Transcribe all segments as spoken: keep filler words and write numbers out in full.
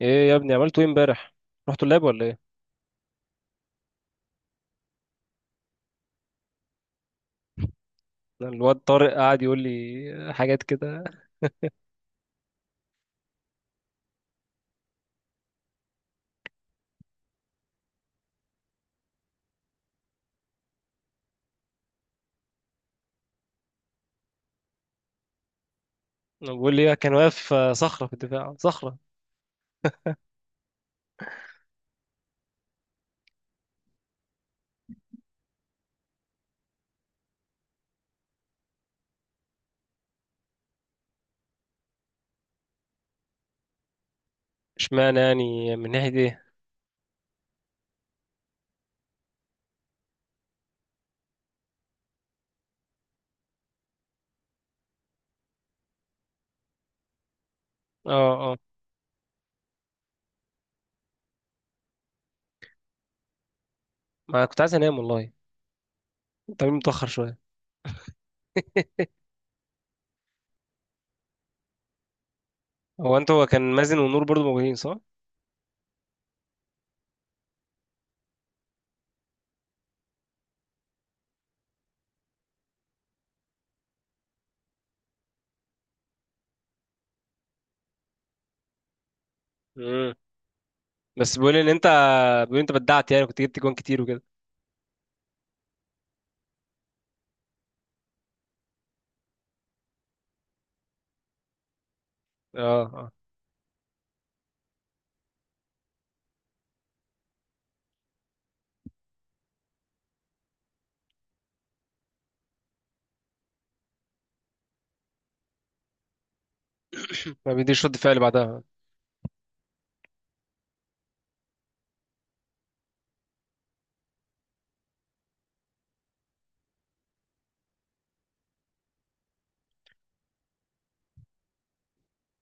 ايه يا ابني عملتوا ايه امبارح؟ رحتوا اللاب ولا ايه؟ الواد طارق قعد يقول لي حاجات كده. بيقول لي كان واقف صخره في الدفاع، صخره. اشمعنى يعني؟ من ناحيه ايه؟ اه، اه. ما كنت عايز انام والله، التمرين متاخر شويه. هو انت، هو كان مازن ونور برضو موجودين صح؟ امم بس بيقول لي ان انت، بيقول لي انت بدعت، يعني كنت جبت جوان كتير وكده. اه اه، ما بيديش رد فعل بعدها.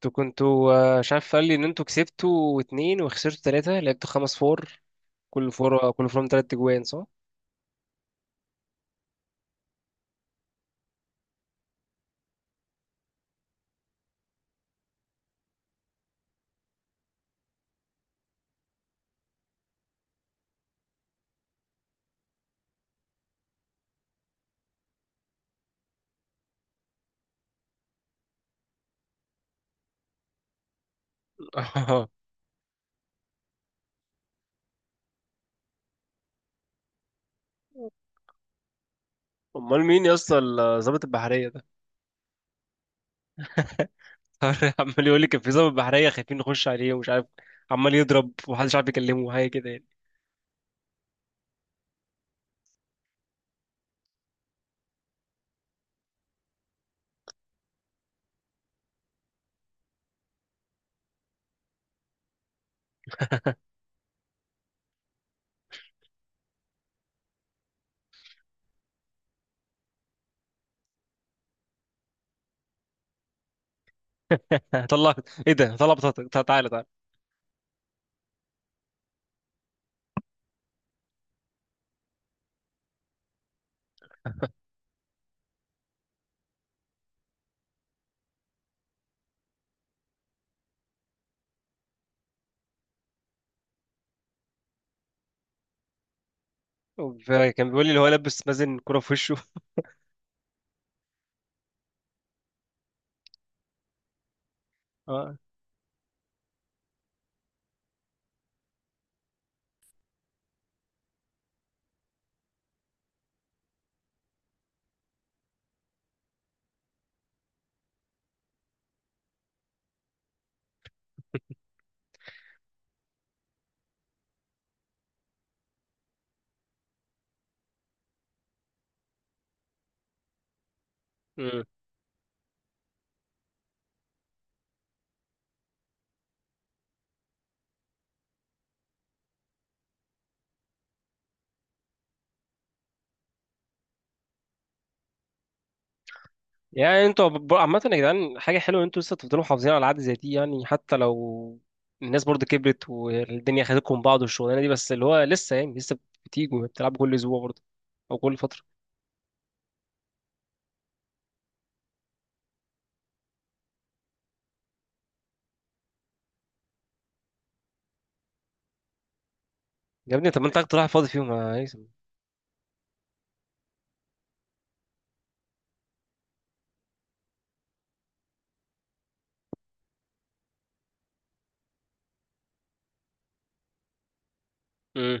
انتوا كنتوا آه، مش عارف، قال لي ان انتوا كسبتوا اتنين وخسرتوا تلاته، لعبتوا خمس فور، كل فور كل فور من تلات جوان صح؟ امال مين يا اسطى الضابط البحريه ده؟ عمال يقول لي كان في ضابط بحريه خايفين نخش عليه ومش عارف، عمال يضرب ومحدش عارف يكلمه حاجه كده يعني. طلع، ايه ده؟ طلع بطاقتك، تع- تعالى تعالى. فكان بيقول لي اللي هو لابس مازن كرة في وشه. اه. مم. يعني انتوا ب- عامة يا جدعان حاجة حلوة ان انتوا لسه تفضلوا محافظين على العادة زي دي، يعني حتى لو الناس برضه كبرت والدنيا خدتكم من بعض والشغلانة دي، بس اللي هو لسه، يعني لسه بتيجوا بتلعبوا كل اسبوع برضه او كل فترة. يا ابني طب ما انت قاعد رايح فاضي فيهم يا هيثم. مم.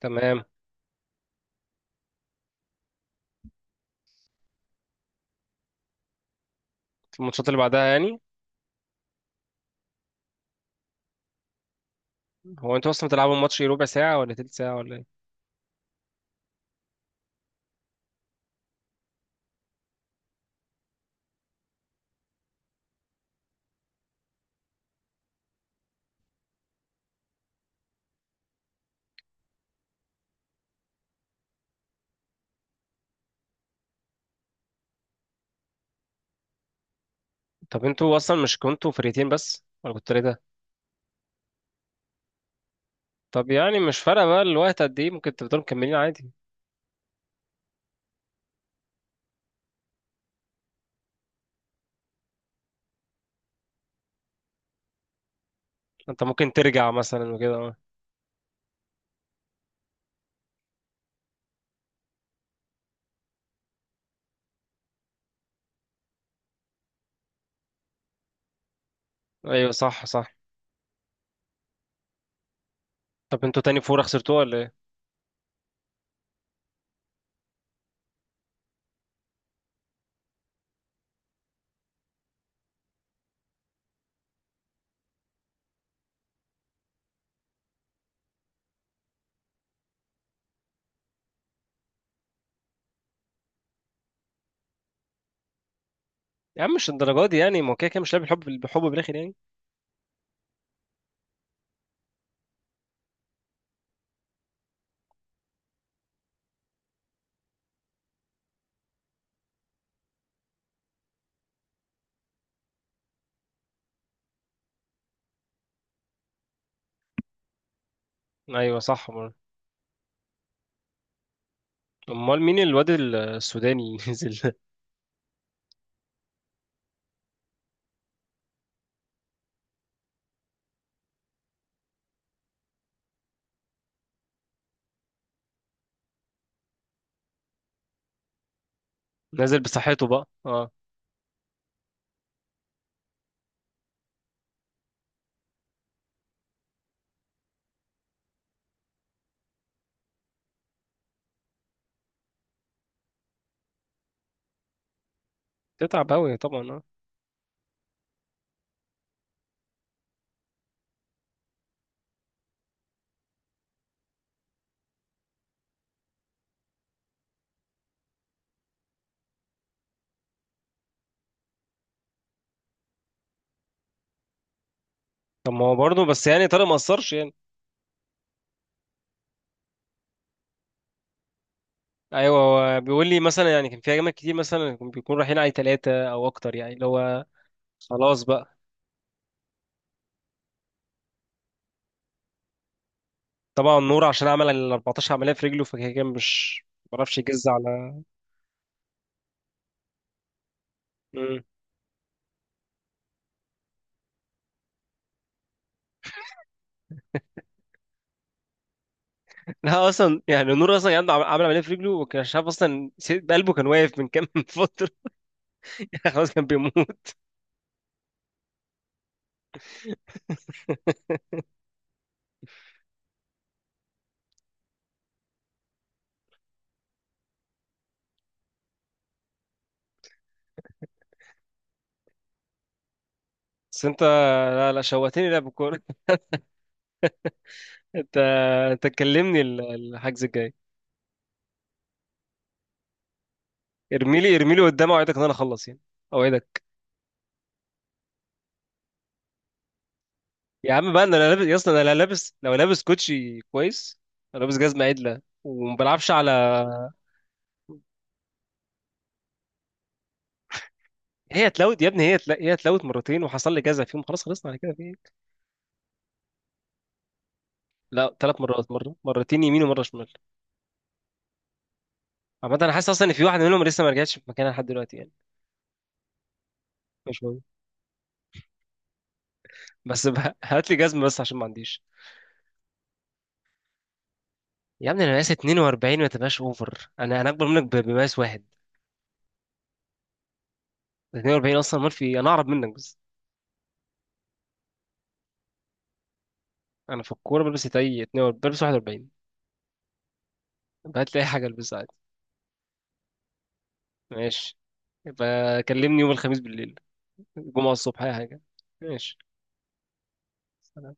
تمام. الماتشات اللي بعدها يعني؟ هو انتوا اصلا بتلعبوا الماتش إيه، ربع ساعة ولا تلت ساعة ولا ايه؟ طب انتوا اصلا مش كنتوا فرقتين بس ولا كنتوا تلاتة؟ طب يعني مش فارقة بقى الوقت قد ايه، ممكن تفضلوا مكملين عادي. انت ممكن ترجع مثلا وكده، اه. ايوه صح صح. طب انتوا تاني فورة خسرتوها ولا ايه؟ يا عم مش الدرجة دي يعني، ما هو كده كده مش لاعب، الحب بالحب بالاخر يعني. ايوه صح برضه. امال مين الواد السوداني اللي نزل؟ نازل بصحته بقى، اه. تتعب قوي طبعا، اه. طب ما هو برضه بس يعني طارق ما قصرش. ايوه، هو بيقول لي مثلا يعني كان في ايام كتير مثلا بيكون رايحين عليه ثلاثه او اكتر، يعني اللي هو خلاص بقى. طبعا نور عشان عمل ال اربعتاشر عمليه في رجله فكده كان مش، ما بيعرفش يجز على. مم. لا اصلا يعني نور اصلا كان عنده عم- عمل عمليه في رجله، وكان مش عارف اصلا سي- قلبه كان واقف من كام فتره، يعني خلاص كان بيموت. بس انت لا لا شوقتني لعب الكوره. انت انت تكلمني ال- الحجز الجاي. ارميلي ارميلي قدام، اوعدك ان انا اخلص يعني، اوعدك. يا عم بقى انا لا لابس يا اسطى انا لا لابس، لو لابس كوتشي كويس، لو لابس جزمه عدله وما بلعبش على. هي اتلوت يا ابني، هي اتل... هي اتلوت مرتين وحصل لي جزع فيهم، خلاص خلصنا على كده في إيه؟ لا، ثلاث مرات، مره مرتين يمين ومره شمال. عامه انا حاسس اصلا ان في واحده منهم لسه ما رجعتش في مكانها لحد دلوقتي يعني. مش مهم، بس بقى هات لي جزمه بس عشان ما عنديش. يا ابني انا مقاس اتنين واربعين، ما تبقاش اوفر، انا انا اكبر منك ب- بمقاس واحد. اتنين واربعين اصلا، ما في انا اعرض منك بس. انا في الكوره بلبس تاي اتنين واربعين، بلبس واحد واربعين. هات لي اي حاجه البسها. ماشي. يبقى كلمني يوم الخميس بالليل، الجمعة الصبح أي حاجة. ماشي. سلام.